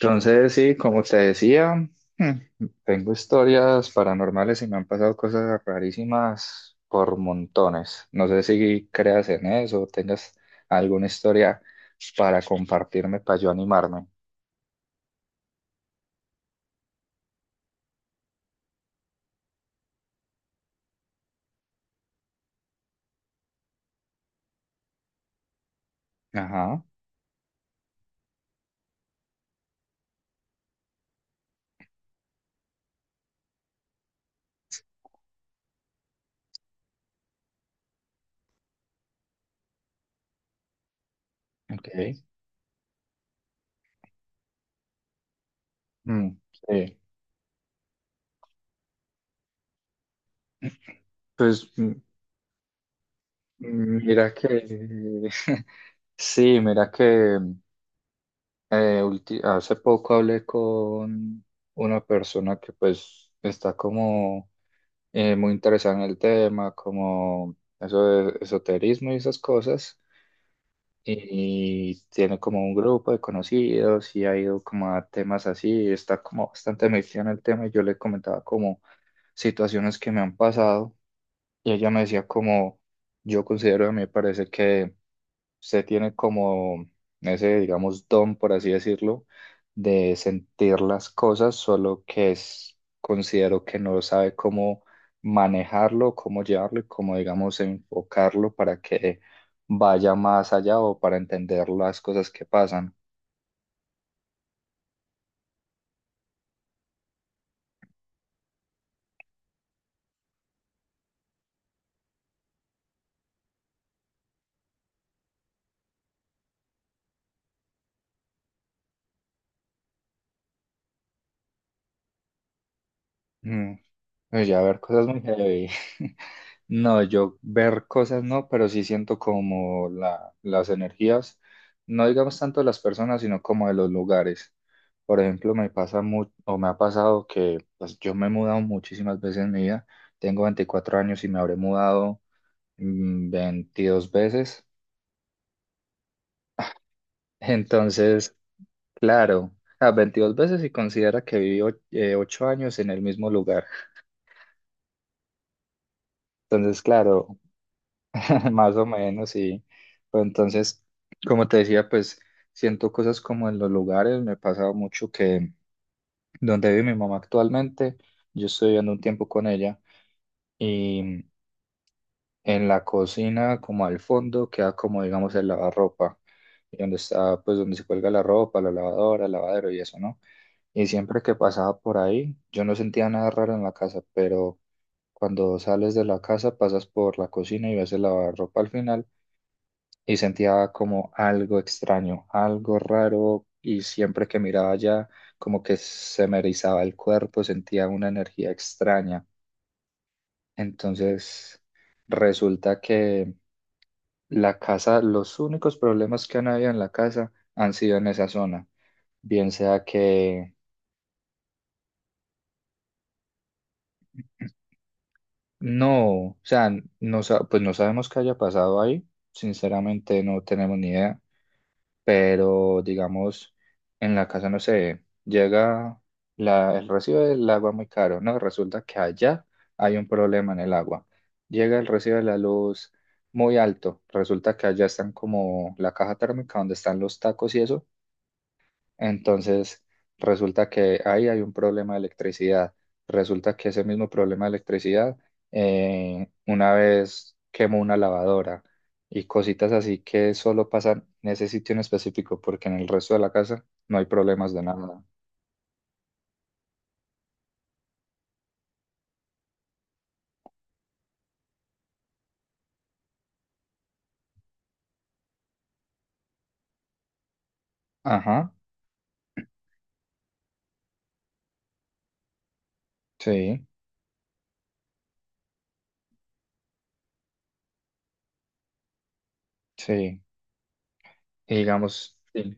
Entonces, sí, como te decía, tengo historias paranormales y me han pasado cosas rarísimas por montones. No sé si creas en eso o tengas alguna historia para compartirme, para yo animarme. Ajá, ok. Mm, sí. Pues mira que, sí, mira que hace poco hablé con una persona que pues está como muy interesada en el tema, como eso de esoterismo y esas cosas. Y tiene como un grupo de conocidos y ha ido como a temas así, está como bastante metida en el tema y yo le comentaba como situaciones que me han pasado y ella me decía como yo considero, a mí me parece que usted tiene como ese, digamos, don, por así decirlo, de sentir las cosas, solo que es, considero que no sabe cómo manejarlo, cómo llevarlo y cómo, digamos, enfocarlo para que vaya más allá o para entender las cosas que pasan. Mm, pues ya ver cosas muy heavy. No, yo ver cosas no, pero sí siento como las energías, no digamos tanto de las personas, sino como de los lugares. Por ejemplo, o me ha pasado que pues, yo me he mudado muchísimas veces en mi vida. Tengo 24 años y me habré mudado 22 veces. Entonces, claro, a 22 veces y considera que viví 8 años en el mismo lugar. Entonces, claro, más o menos, sí. Pero entonces, como te decía, pues siento cosas como en los lugares. Me ha pasado mucho que donde vive mi mamá actualmente, yo estoy viviendo un tiempo con ella y en la cocina, como al fondo, queda como, digamos, el lavarropa, y donde está, pues donde se cuelga la ropa, la lavadora, el lavadero y eso, ¿no? Y siempre que pasaba por ahí, yo no sentía nada raro en la casa, pero cuando sales de la casa, pasas por la cocina y ves el lavarropa al final y sentía como algo extraño, algo raro y siempre que miraba allá como que se me erizaba el cuerpo, sentía una energía extraña. Entonces resulta que la casa, los únicos problemas que han habido en la casa han sido en esa zona, bien sea que no, o sea, pues no sabemos qué haya pasado ahí, sinceramente no tenemos ni idea, pero digamos, en la casa, no sé, llega el recibo del agua muy caro, ¿no? Resulta que allá hay un problema en el agua. Llega el recibo de la luz muy alto, resulta que allá están como la caja térmica donde están los tacos y eso, entonces, resulta que ahí hay un problema de electricidad. Resulta que ese mismo problema de electricidad, una vez quemó una lavadora y cositas así que solo pasan en ese sitio en específico, porque en el resto de la casa no hay problemas de nada. Ajá, sí, sí. Y digamos, sí.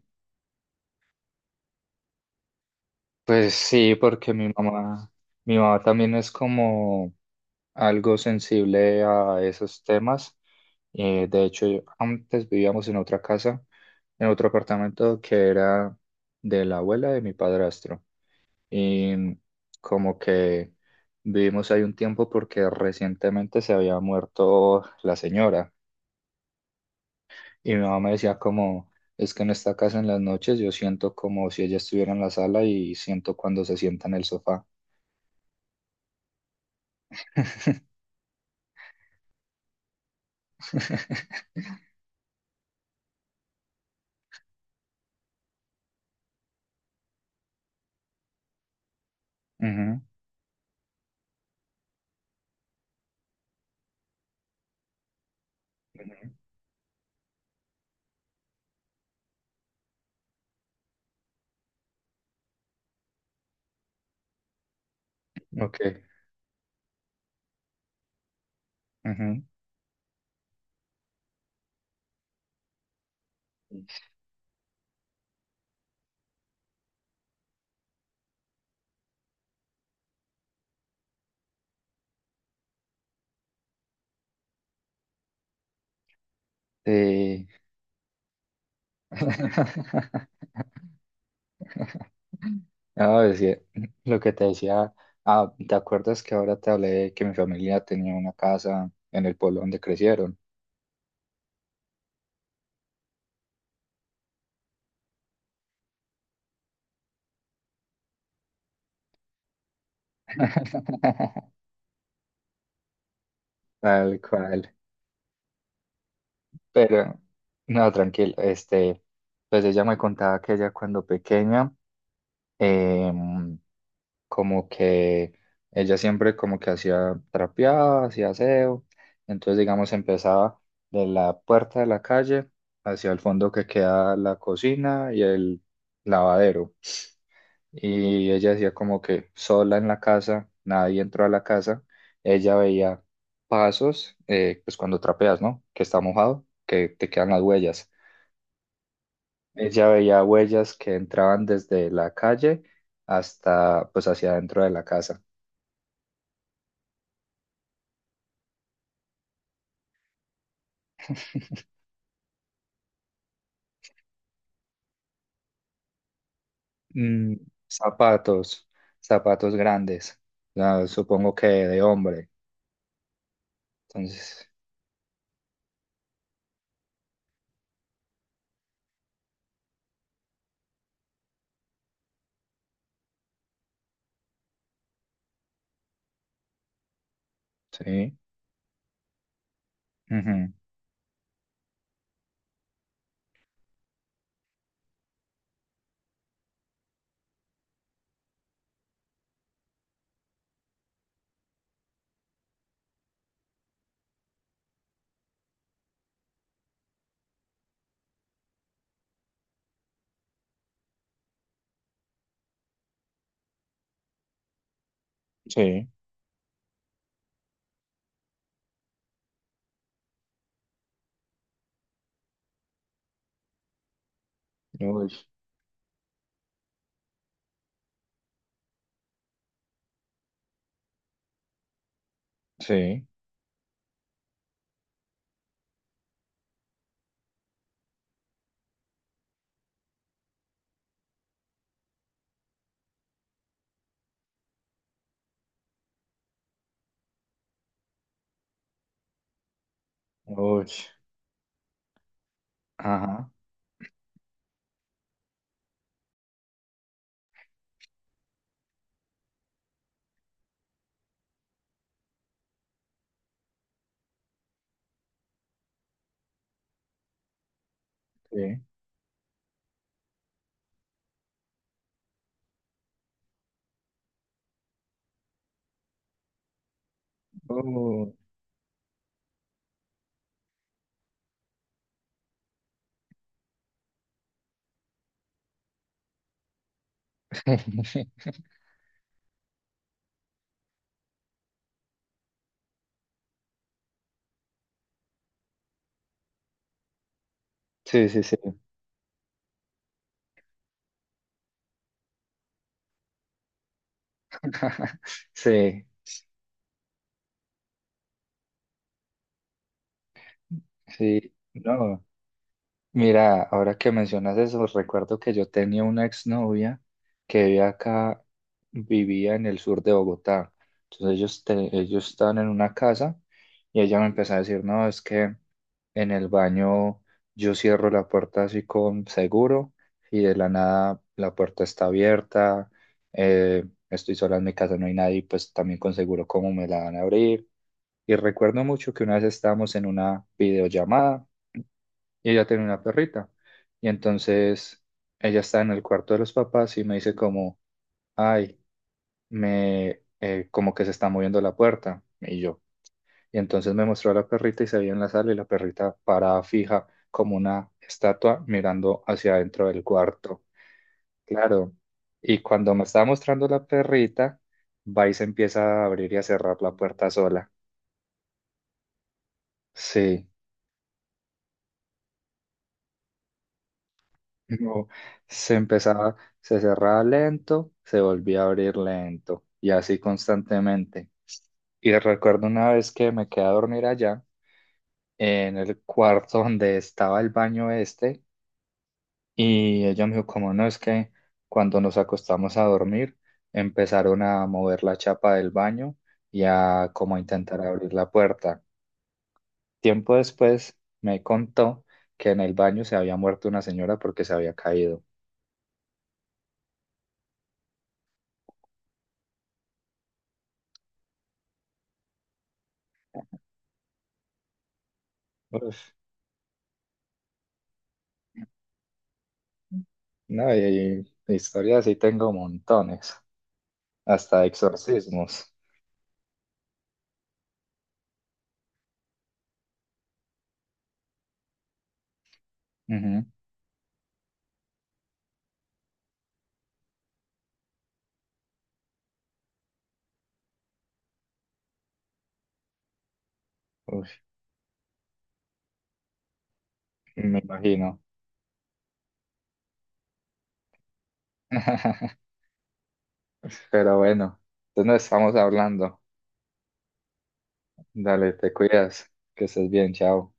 Pues sí, porque mi mamá también es como algo sensible a esos temas. De hecho, yo- Antes vivíamos en otra casa, en otro apartamento que era de la abuela de mi padrastro. Y como que vivimos ahí un tiempo porque recientemente se había muerto la señora. Y mi mamá me decía como, es que en esta casa en las noches yo siento como si ella estuviera en la sala y siento cuando se sienta en el sofá. Ujú, ujú, ok. Ujú. Sí. No, es que lo que te decía, ah, ¿te acuerdas que ahora te hablé de que mi familia tenía una casa en el pueblo donde crecieron? Tal cual. Pero, no, tranquilo, este, pues ella me contaba que ella cuando pequeña, em, como que ella siempre como que hacía trapeaba, hacía aseo, entonces digamos empezaba de la puerta de la calle hacia el fondo que queda la cocina y el lavadero. Y ella decía como que sola en la casa, nadie entró a la casa, ella veía pasos, pues cuando trapeas, ¿no? Que está mojado, que te quedan las huellas. Ella veía huellas que entraban desde la calle hasta, pues hacia adentro de la casa. Mm, zapatos, zapatos grandes, ah, supongo que de hombre. Entonces, sí, ujú, sí, uy, sí, uy, ajá, sí. Sí, sí, sí. Sí, sí. No, mira, ahora que mencionas eso, recuerdo que yo tenía una exnovia que vivía acá, vivía en el sur de Bogotá. Entonces ellos estaban en una casa y ella me empezó a decir, no, es que en el baño yo cierro la puerta así con seguro y de la nada la puerta está abierta, eh, estoy sola en mi casa, no hay nadie, pues también con seguro, ¿cómo me la van a abrir? Y recuerdo mucho que una vez estábamos en una videollamada y ella tenía una perrita. Y entonces ella está en el cuarto de los papás y me dice como, ay, como que se está moviendo la puerta. Y yo. Y entonces me mostró a la perrita y se veía en la sala y la perrita parada fija como una estatua mirando hacia adentro del cuarto. Claro. Y cuando me estaba mostrando la perrita, va y se empieza a abrir y a cerrar la puerta sola. Sí. No, se empezaba, se cerraba lento, se volvía a abrir lento y así constantemente. Y recuerdo una vez que me quedé a dormir allá en el cuarto donde estaba el baño este y ella me dijo, como no, es que cuando nos acostamos a dormir empezaron a mover la chapa del baño y a como a intentar abrir la puerta. Tiempo después me contó que en el baño se había muerto una señora porque se había caído. No, y historias sí tengo montones, hasta exorcismos. Ujú. Uy, me imagino. Pero bueno, entonces nos estamos hablando. Dale, te cuidas, que estés bien, chao.